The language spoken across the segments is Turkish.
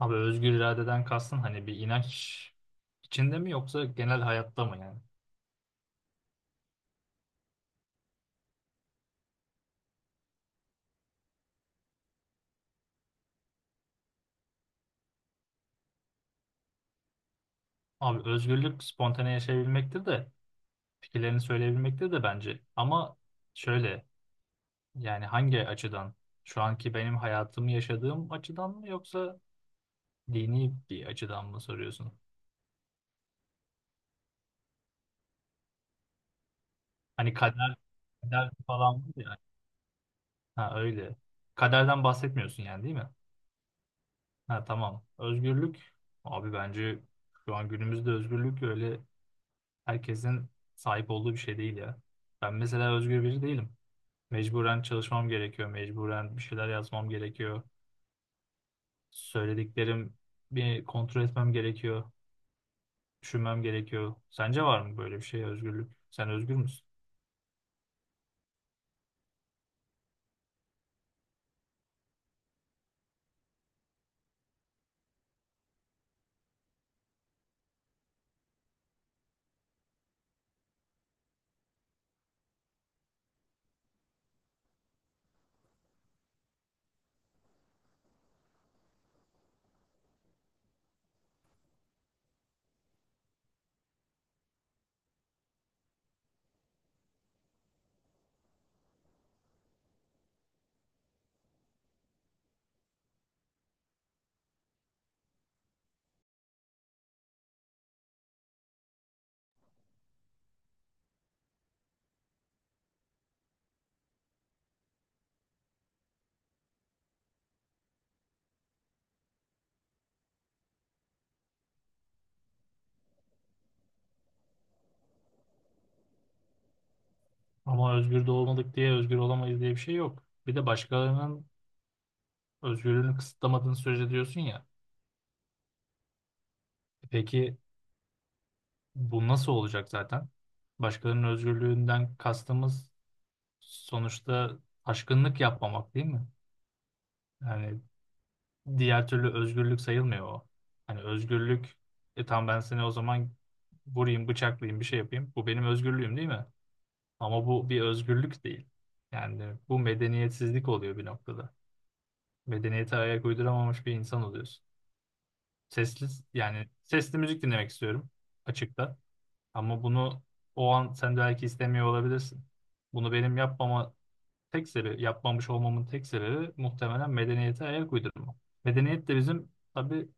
Abi özgür iradeden kastın hani bir inanç içinde mi yoksa genel hayatta mı yani? Abi özgürlük spontane yaşayabilmektir de fikirlerini söyleyebilmektir de bence. Ama şöyle yani hangi açıdan? Şu anki benim hayatımı yaşadığım açıdan mı yoksa dini bir açıdan mı soruyorsun? Hani kader, kader falan mı yani? Ha öyle. Kaderden bahsetmiyorsun yani değil mi? Ha tamam. Özgürlük abi bence şu an günümüzde özgürlük öyle herkesin sahip olduğu bir şey değil ya. Ben mesela özgür biri değilim. Mecburen çalışmam gerekiyor. Mecburen bir şeyler yazmam gerekiyor. Söylediklerim bir kontrol etmem gerekiyor. Düşünmem gerekiyor. Sence var mı böyle bir şey özgürlük? Sen özgür müsün? Ama özgür de olmadık diye özgür olamayız diye bir şey yok. Bir de başkalarının özgürlüğünü kısıtlamadığın sürece diyorsun ya. E peki, bu nasıl olacak zaten? Başkalarının özgürlüğünden kastımız sonuçta aşkınlık yapmamak değil mi? Yani diğer türlü özgürlük sayılmıyor o. Hani özgürlük, e tamam, ben seni o zaman vurayım, bıçaklayayım, bir şey yapayım. Bu benim özgürlüğüm değil mi? Ama bu bir özgürlük değil. Yani bu medeniyetsizlik oluyor bir noktada. Medeniyete ayak uyduramamış bir insan oluyorsun. Sesli, yani sesli müzik dinlemek istiyorum açıkta. Ama bunu o an sen belki istemiyor olabilirsin. Bunu benim yapmama tek sebebi, yapmamış olmamın tek sebebi muhtemelen medeniyete ayak uydurma. Medeniyet de bizim tabii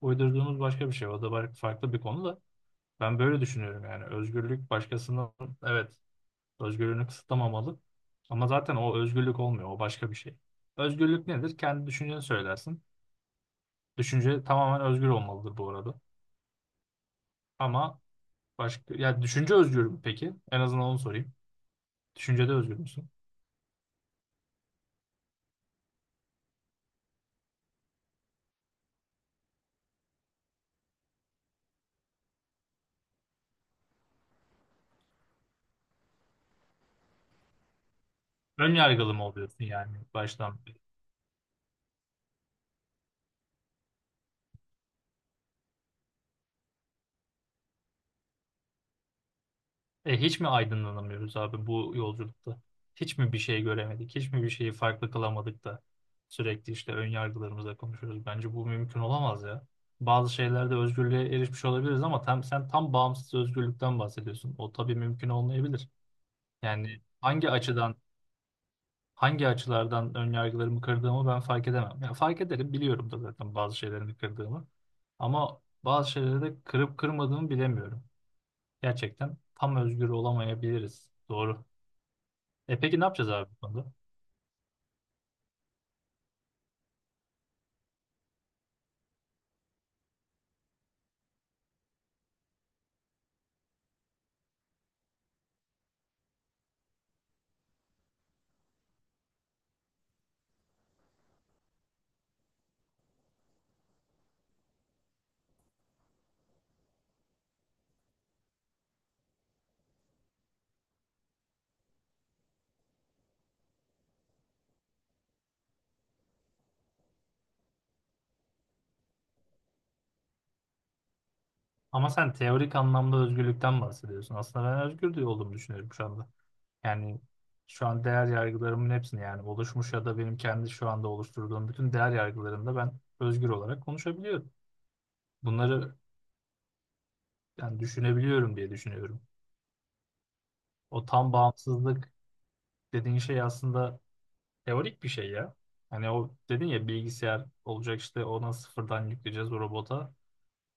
uydurduğumuz başka bir şey. O da farklı bir konu da. Ben böyle düşünüyorum yani. Özgürlük başkasının, evet, özgürlüğünü kısıtlamamalı. Ama zaten o özgürlük olmuyor. O başka bir şey. Özgürlük nedir? Kendi düşünceni söylersin. Düşünce tamamen özgür olmalıdır bu arada. Ama başka ya düşünce özgür mü peki? En azından onu sorayım. Düşüncede özgür müsün? Ön yargılı mı oluyorsun yani baştan? E, hiç mi aydınlanamıyoruz abi bu yolculukta? Hiç mi bir şey göremedik? Hiç mi bir şeyi farklı kılamadık da sürekli işte ön yargılarımızla konuşuyoruz? Bence bu mümkün olamaz ya. Bazı şeylerde özgürlüğe erişmiş olabiliriz ama tam, sen tam bağımsız özgürlükten bahsediyorsun. O tabii mümkün olmayabilir. Yani hangi açıdan, hangi açılardan ön yargılarımı kırdığımı ben fark edemem. Yani fark ederim, biliyorum da zaten bazı şeylerini kırdığımı. Ama bazı şeyleri de kırıp kırmadığımı bilemiyorum. Gerçekten tam özgür olamayabiliriz. Doğru. E peki ne yapacağız abi bu konuda? Ama sen teorik anlamda özgürlükten bahsediyorsun. Aslında ben özgür de olduğumu düşünüyorum şu anda. Yani şu an değer yargılarımın hepsini, yani oluşmuş ya da benim kendi şu anda oluşturduğum bütün değer yargılarımda ben özgür olarak konuşabiliyorum. Bunları yani düşünebiliyorum diye düşünüyorum. O tam bağımsızlık dediğin şey aslında teorik bir şey ya. Hani o dedin ya bilgisayar olacak işte ona sıfırdan yükleyeceğiz o robota.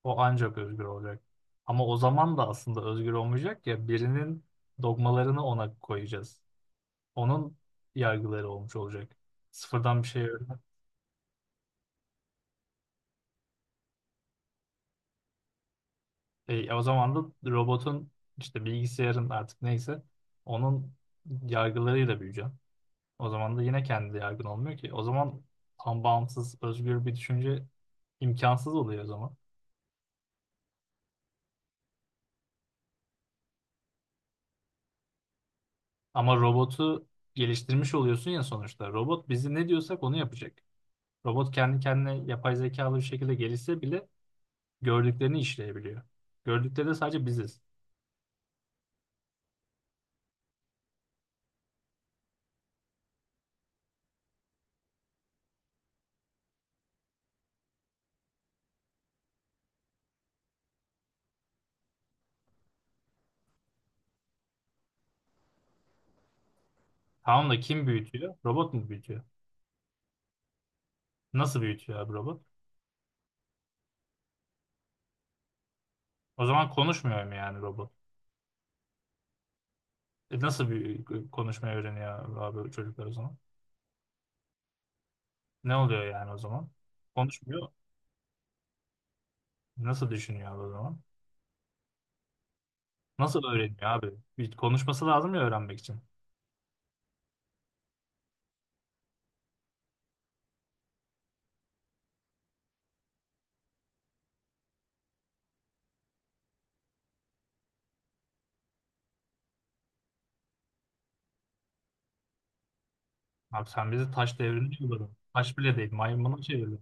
O ancak özgür olacak. Ama o zaman da aslında özgür olmayacak ya, birinin dogmalarını ona koyacağız. Onun yargıları olmuş olacak. Sıfırdan bir şey öğren. E, o zaman da robotun işte bilgisayarın artık neyse onun yargılarıyla büyüyeceğim. O zaman da yine kendi yargın olmuyor ki. O zaman tam bağımsız, özgür bir düşünce imkansız oluyor o zaman. Ama robotu geliştirmiş oluyorsun ya sonuçta. Robot bizi ne diyorsak onu yapacak. Robot kendi kendine yapay zekalı bir şekilde gelişse bile gördüklerini işleyebiliyor. Gördükleri de sadece biziz. Tamam da kim büyütüyor? Robot mu büyütüyor? Nasıl büyütüyor abi robot? O zaman konuşmuyor mu yani robot? E nasıl bir konuşmayı öğreniyor abi çocuklar o zaman? Ne oluyor yani o zaman? Konuşmuyor. Nasıl düşünüyor abi o zaman? Nasıl öğreniyor abi? Bir konuşması lazım ya öğrenmek için. Abi sen bizi taş devrinde yolladın. Taş bile değil, maymuna çevirdin.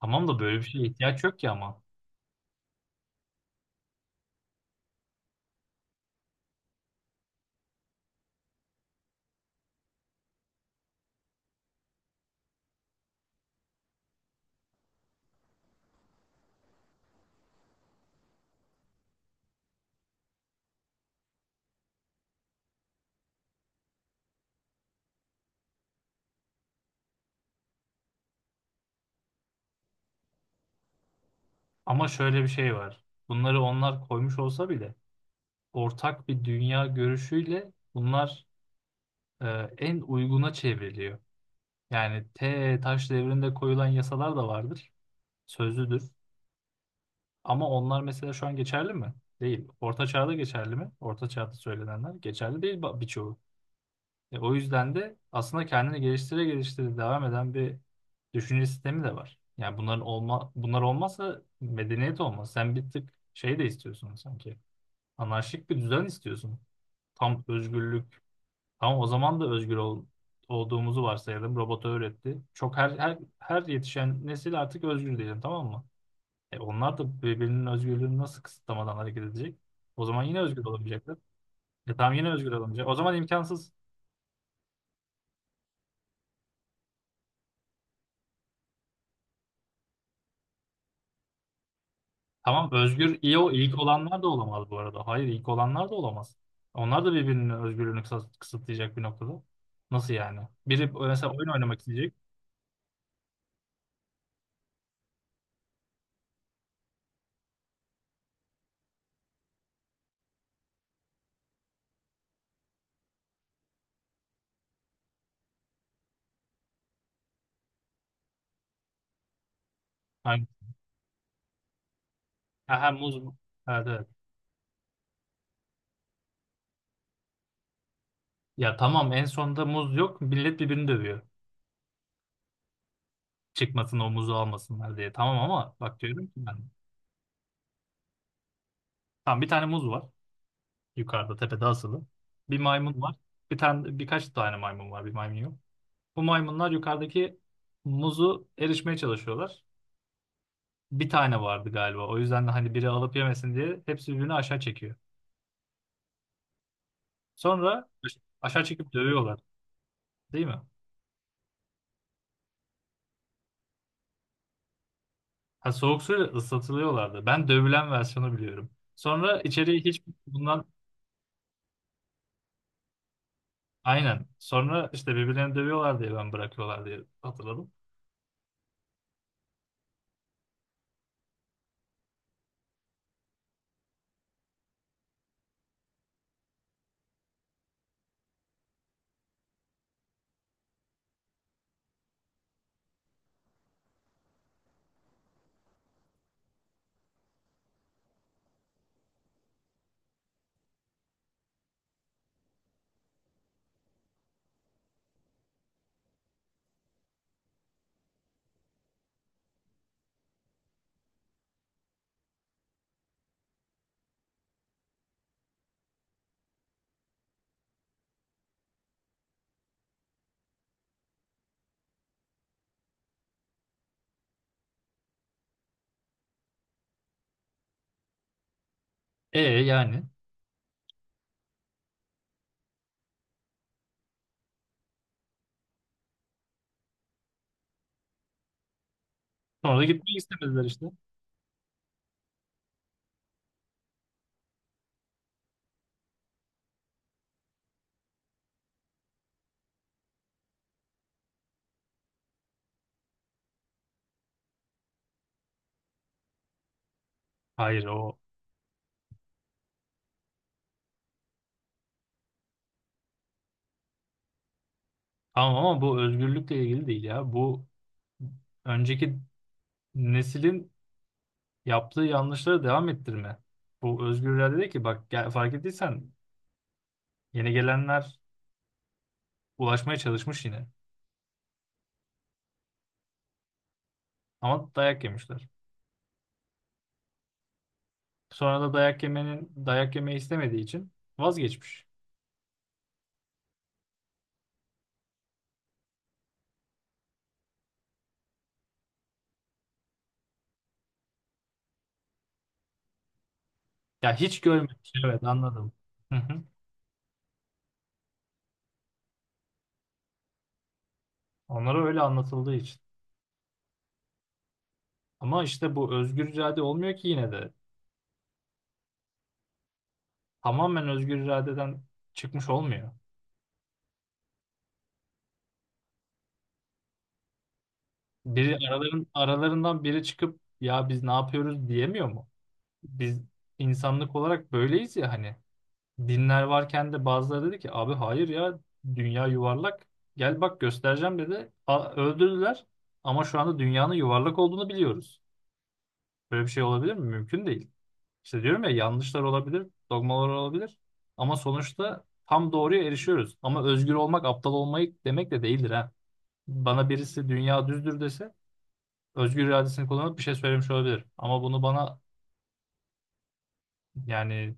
Tamam da böyle bir şeye ihtiyaç yok ki ama. Ama şöyle bir şey var. Bunları onlar koymuş olsa bile ortak bir dünya görüşüyle bunlar, e, en uyguna çevriliyor. Yani taş devrinde koyulan yasalar da vardır. Sözlüdür. Ama onlar mesela şu an geçerli mi? Değil. Orta çağda geçerli mi? Orta çağda söylenenler geçerli değil, birçoğu. E, o yüzden de aslında kendini geliştire geliştire devam eden bir düşünce sistemi de var. Yani bunlar olmazsa medeniyet olmaz. Sen bir tık şey de istiyorsun sanki. Anarşik bir düzen istiyorsun. Tam özgürlük. Tamam o zaman da olduğumuzu varsayalım. Robota öğretti. Çok her yetişen nesil artık özgür diyelim, tamam mı? E onlar da birbirinin özgürlüğünü nasıl kısıtlamadan hareket edecek? O zaman yine özgür olamayacaklar. E tamam, yine özgür olamayacak. O zaman imkansız. Tamam özgür iyi o ilk olanlar da olamaz bu arada. Hayır, ilk olanlar da olamaz. Onlar da birbirinin özgürlüğünü kısıtlayacak bir noktada. Nasıl yani? Biri mesela oyun oynamak isteyecek. Hangi? Ha, ha, muz. Evet, evet. Ya tamam, en sonunda muz yok. Millet birbirini dövüyor. Çıkmasın o muzu almasınlar diye. Tamam ama bak diyorum ki ben. Tamam, bir tane muz var. Yukarıda tepede asılı. Bir maymun var. Birkaç tane maymun var. Bir maymun yok. Bu maymunlar yukarıdaki muzu erişmeye çalışıyorlar. Bir tane vardı galiba. O yüzden de hani biri alıp yemesin diye hepsi birbirini aşağı çekiyor. Sonra aşağı çekip dövüyorlar, değil mi? Ha, soğuk suyla ıslatılıyorlardı. Ben dövülen versiyonu biliyorum. Sonra içeriye hiç bundan. Aynen. Sonra işte birbirlerini dövüyorlar diye, ben bırakıyorlar diye hatırladım. E yani. Sonra da gitmek istemediler işte. Hayır o. Tamam ama bu özgürlükle ilgili değil ya. Bu önceki neslin yaptığı yanlışları devam ettirme. Bu özgür irade değil ki. Bak, fark ettiysen yeni gelenler ulaşmaya çalışmış yine. Ama dayak yemişler. Sonra da dayak yemenin dayak yemeyi istemediği için vazgeçmiş. Ya hiç görmemiş. Evet, anladım. Hı hı. Onlara öyle anlatıldığı için. Ama işte bu özgür irade olmuyor ki yine de. Tamamen özgür iradeden çıkmış olmuyor. Aralarından biri çıkıp ya biz ne yapıyoruz diyemiyor mu? Biz insanlık olarak böyleyiz ya hani. Dinler varken de bazıları dedi ki abi hayır ya, dünya yuvarlak. Gel bak göstereceğim dedi. Öldürdüler ama şu anda dünyanın yuvarlak olduğunu biliyoruz. Böyle bir şey olabilir mi? Mümkün değil. İşte diyorum ya, yanlışlar olabilir, dogmalar olabilir ama sonuçta tam doğruya erişiyoruz. Ama özgür olmak aptal olmayı demek de değildir ha. Bana birisi dünya düzdür dese özgür iradesini kullanıp bir şey söylemiş olabilir. Ama bunu bana yani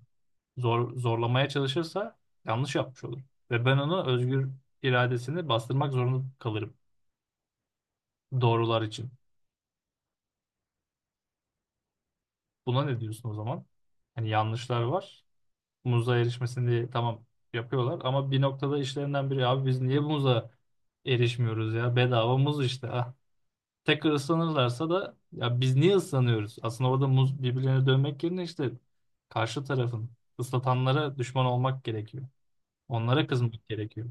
zorlamaya çalışırsa yanlış yapmış olur. Ve ben onu özgür iradesini bastırmak zorunda kalırım doğrular için. Buna ne diyorsun o zaman? Hani yanlışlar var. Muza erişmesini diye tamam yapıyorlar ama bir noktada işlerinden biri abi biz niye muza erişmiyoruz ya, bedava muz işte ah. Tekrar ıslanırlarsa da ya biz niye ıslanıyoruz? Aslında orada muz, birbirlerine dönmek yerine işte karşı tarafın, ıslatanlara düşman olmak gerekiyor. Onlara kızmak gerekiyor.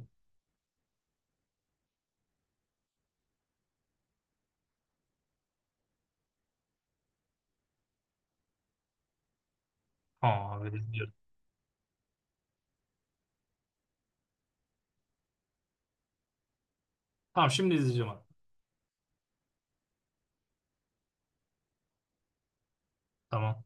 Ha, abi izliyorum. Tamam şimdi izleyeceğim abi. Tamam.